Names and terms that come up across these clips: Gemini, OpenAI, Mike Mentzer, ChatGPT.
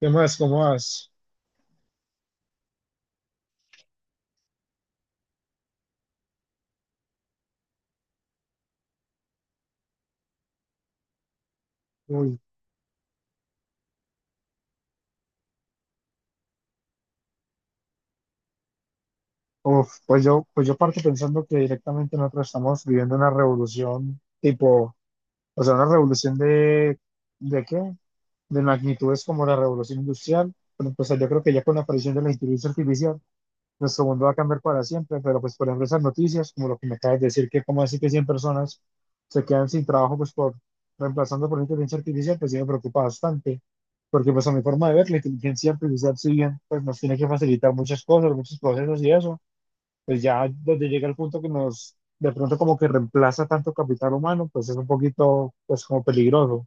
¿Qué más? ¿Cómo vas? Uy, uf, pues yo parto pensando que directamente nosotros estamos viviendo una revolución tipo, o sea, una revolución ¿de qué? De magnitudes como la revolución industrial, pero pues yo creo que ya con la aparición de la inteligencia artificial nuestro mundo va a cambiar para siempre, pero pues por ejemplo esas noticias, como lo que me acabas de decir, que como así que 100 personas se quedan sin trabajo pues por reemplazando por inteligencia artificial, pues sí me preocupa bastante, porque pues a mi forma de ver, la inteligencia artificial si bien pues nos tiene que facilitar muchas cosas, muchos procesos y eso, pues ya donde llega el punto que nos de pronto como que reemplaza tanto capital humano, pues es un poquito pues como peligroso.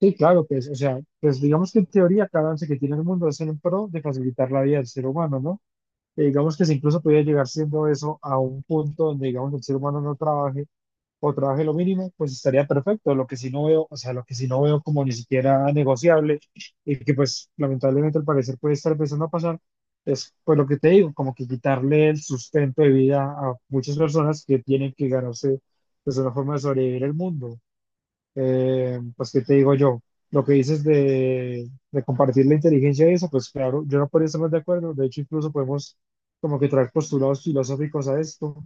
Sí, claro, pues, o sea, pues digamos que en teoría cada avance que tiene el mundo es en pro de facilitar la vida del ser humano, ¿no? Que digamos que si incluso pudiera llegar siendo eso a un punto donde digamos el ser humano no trabaje o trabaje lo mínimo, pues estaría perfecto. Lo que sí no veo, o sea, lo que sí no veo como ni siquiera negociable y que pues lamentablemente al parecer puede estar empezando a pasar, es pues lo que te digo, como que quitarle el sustento de vida a muchas personas que tienen que ganarse pues una forma de sobrevivir el mundo. Pues, ¿qué te digo yo? Lo que dices de compartir la inteligencia y eso, pues claro, yo no podría estar más de acuerdo. De hecho, incluso podemos como que traer postulados filosóficos a esto.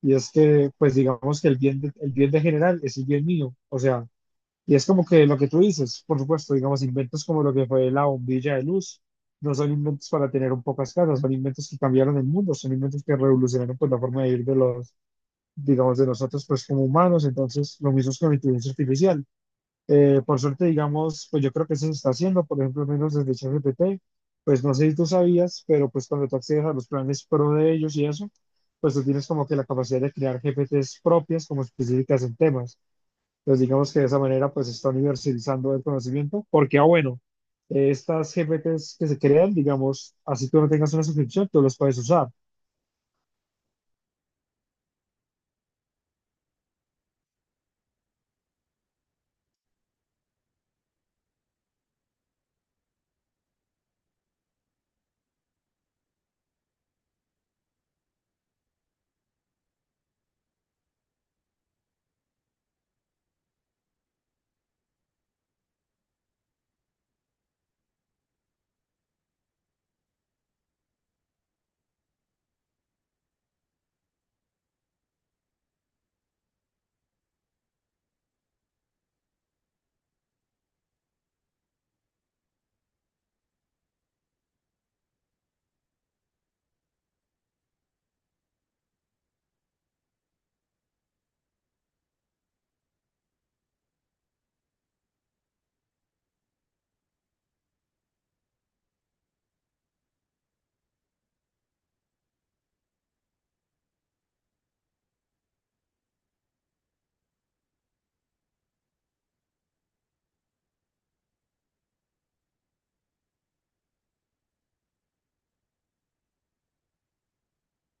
Y es que, pues digamos que el bien de general es el bien mío. O sea, y es como que lo que tú dices, por supuesto, digamos, inventos como lo que fue la bombilla de luz, no son inventos para tener un pocas casas, son inventos que cambiaron el mundo, son inventos que revolucionaron pues la forma de vivir de los, digamos, de nosotros pues como humanos. Entonces, lo mismo es con la inteligencia artificial por suerte, digamos, pues yo creo que eso se está haciendo, por ejemplo, al menos desde ChatGPT, pues no sé si tú sabías, pero pues cuando tú accedes a los planes pro de ellos y eso, pues tú tienes como que la capacidad de crear GPTs propias como específicas en temas. Entonces, digamos que de esa manera pues se está universalizando el conocimiento, porque, ah, bueno, estas GPTs que se crean, digamos, así tú no tengas una suscripción, tú los puedes usar.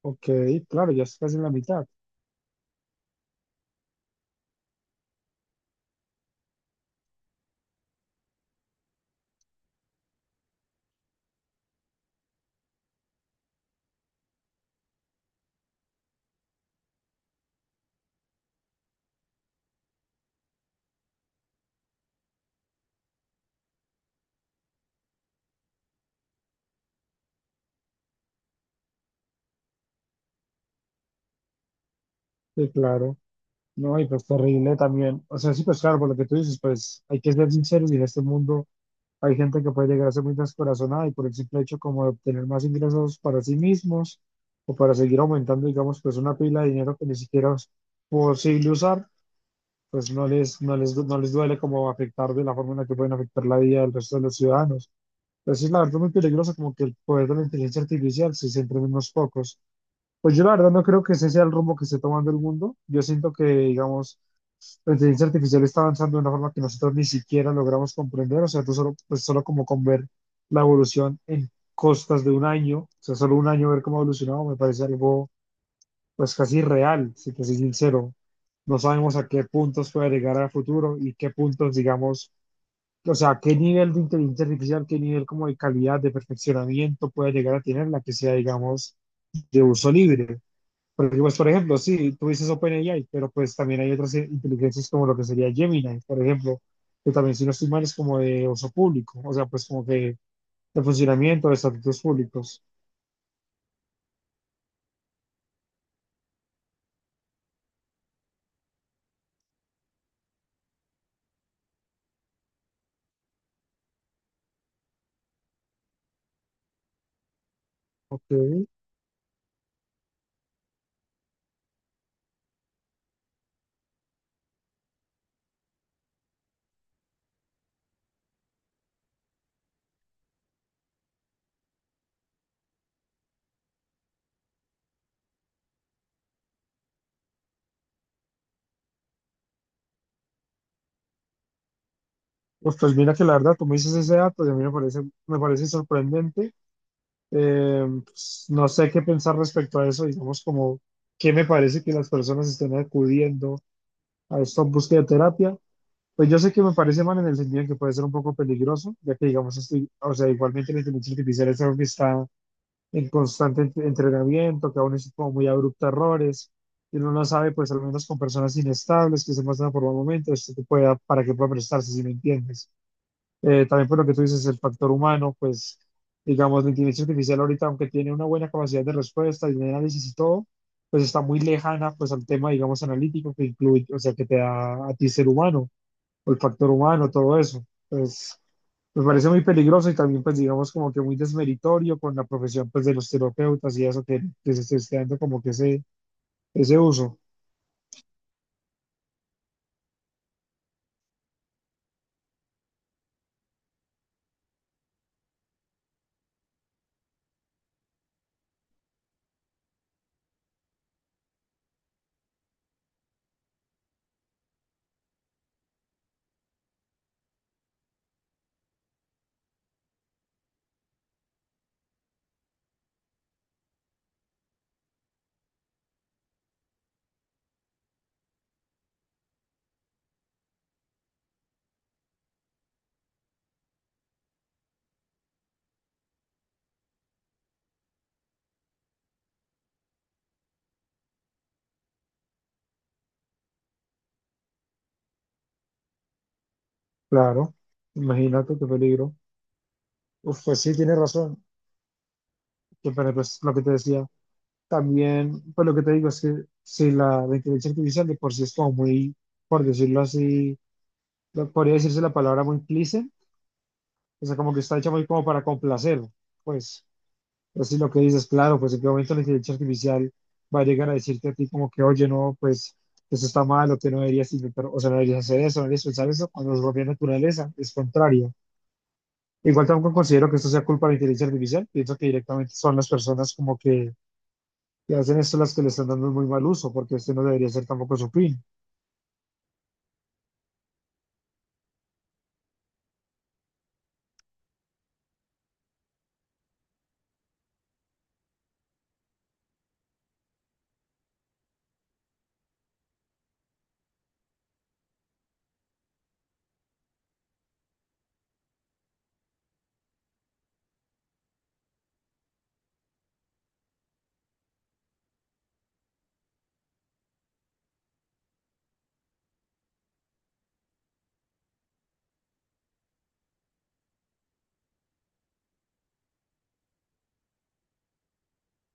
Ok, claro, ya estás casi en la mitad. Sí, claro. No, y pues terrible también. O sea, sí, pues claro, por lo que tú dices, pues hay que ser sinceros y en este mundo hay gente que puede llegar a ser muy descorazonada y por el simple hecho como de obtener más ingresos para sí mismos o para seguir aumentando, digamos, pues una pila de dinero que ni siquiera es posible usar, pues no les duele como afectar de la forma en la que pueden afectar la vida del resto de los ciudadanos. Pero sí, la verdad, muy peligroso como que el poder de la inteligencia artificial se centra en unos pocos. Pues yo la verdad no creo que ese sea el rumbo que esté tomando el mundo. Yo siento que, digamos, la inteligencia artificial está avanzando de una forma que nosotros ni siquiera logramos comprender, o sea, tú solo, pues solo como con ver la evolución en costas de un año, o sea, solo un año ver cómo ha evolucionado me parece algo pues casi real, si te soy sincero. No sabemos a qué puntos puede llegar a futuro y qué puntos, digamos, o sea, qué nivel de inteligencia artificial, qué nivel como de calidad, de perfeccionamiento puede llegar a tener la que sea, digamos, de uso libre. Porque, pues, por ejemplo, sí, tú dices OpenAI, pero pues también hay otras inteligencias como lo que sería Gemini, por ejemplo, que también, si no estoy mal, es como de uso público, o sea, pues como que de funcionamiento de estatutos públicos. Ok, pues, pues mira que la verdad, tú me dices ese dato y a mí me parece sorprendente. Pues, no sé qué pensar respecto a eso, digamos, como qué me parece que las personas estén acudiendo a esta búsqueda de terapia. Pues yo sé que me parece mal en el sentido en que puede ser un poco peligroso, ya que digamos, estoy, o sea, igualmente la inteligencia artificial es algo que está en constante entrenamiento, que aún es como muy abrupto a errores, y uno no sabe, pues al menos con personas inestables que se muestran por un momento, esto que pueda, para que pueda prestarse, si me entiendes. También por lo que tú dices, el factor humano, pues digamos, la inteligencia artificial ahorita, aunque tiene una buena capacidad de respuesta y de análisis y todo, pues está muy lejana, pues al tema, digamos, analítico que incluye, o sea, que te da a ti ser humano o el factor humano, todo eso. Pues me parece muy peligroso y también pues digamos como que muy desmeritorio con la profesión pues de los terapeutas y eso que se esté dando como que ese uso. Claro, imagínate qué peligro. Uf, pues sí, tienes razón. Pero pues lo que te decía, también pues lo que te digo es que si la inteligencia artificial de por sí es como muy, por decirlo así, podría decirse la palabra muy cliché, o sea como que está hecha muy como para complacer, pues. Pues sí, lo que dices, claro, pues en qué momento la inteligencia artificial va a llegar a decirte a ti como que, oye, no, pues eso está mal o que no deberías intentar, o sea, no deberías hacer eso, no deberías pensar eso, cuando es propia naturaleza, es contrario. Igual tampoco considero que esto sea culpa de la inteligencia artificial, pienso que directamente son las personas como que hacen esto las que le están dando muy mal uso, porque este no debería ser tampoco su fin.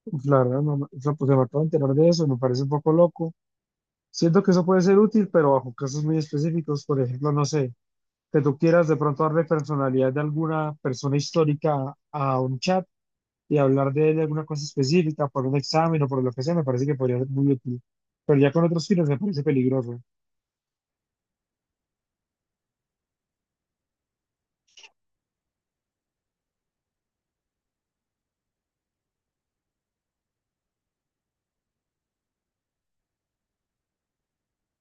Uf, la verdad, no, no, pues me acabo de enterar de eso, me parece un poco loco. Siento que eso puede ser útil, pero bajo casos muy específicos, por ejemplo, no sé, que tú quieras de pronto darle personalidad de alguna persona histórica a un chat y hablar de él de alguna cosa específica, por un examen o por lo que sea, me parece que podría ser muy útil. Pero ya con otros fines me parece peligroso.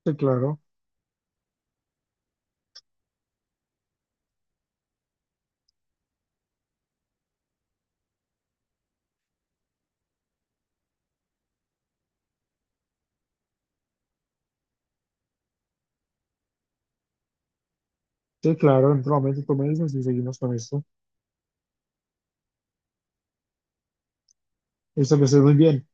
Sí, claro, sí, claro, en otro momento tú me dices y seguimos con esto. Esto que estés muy bien.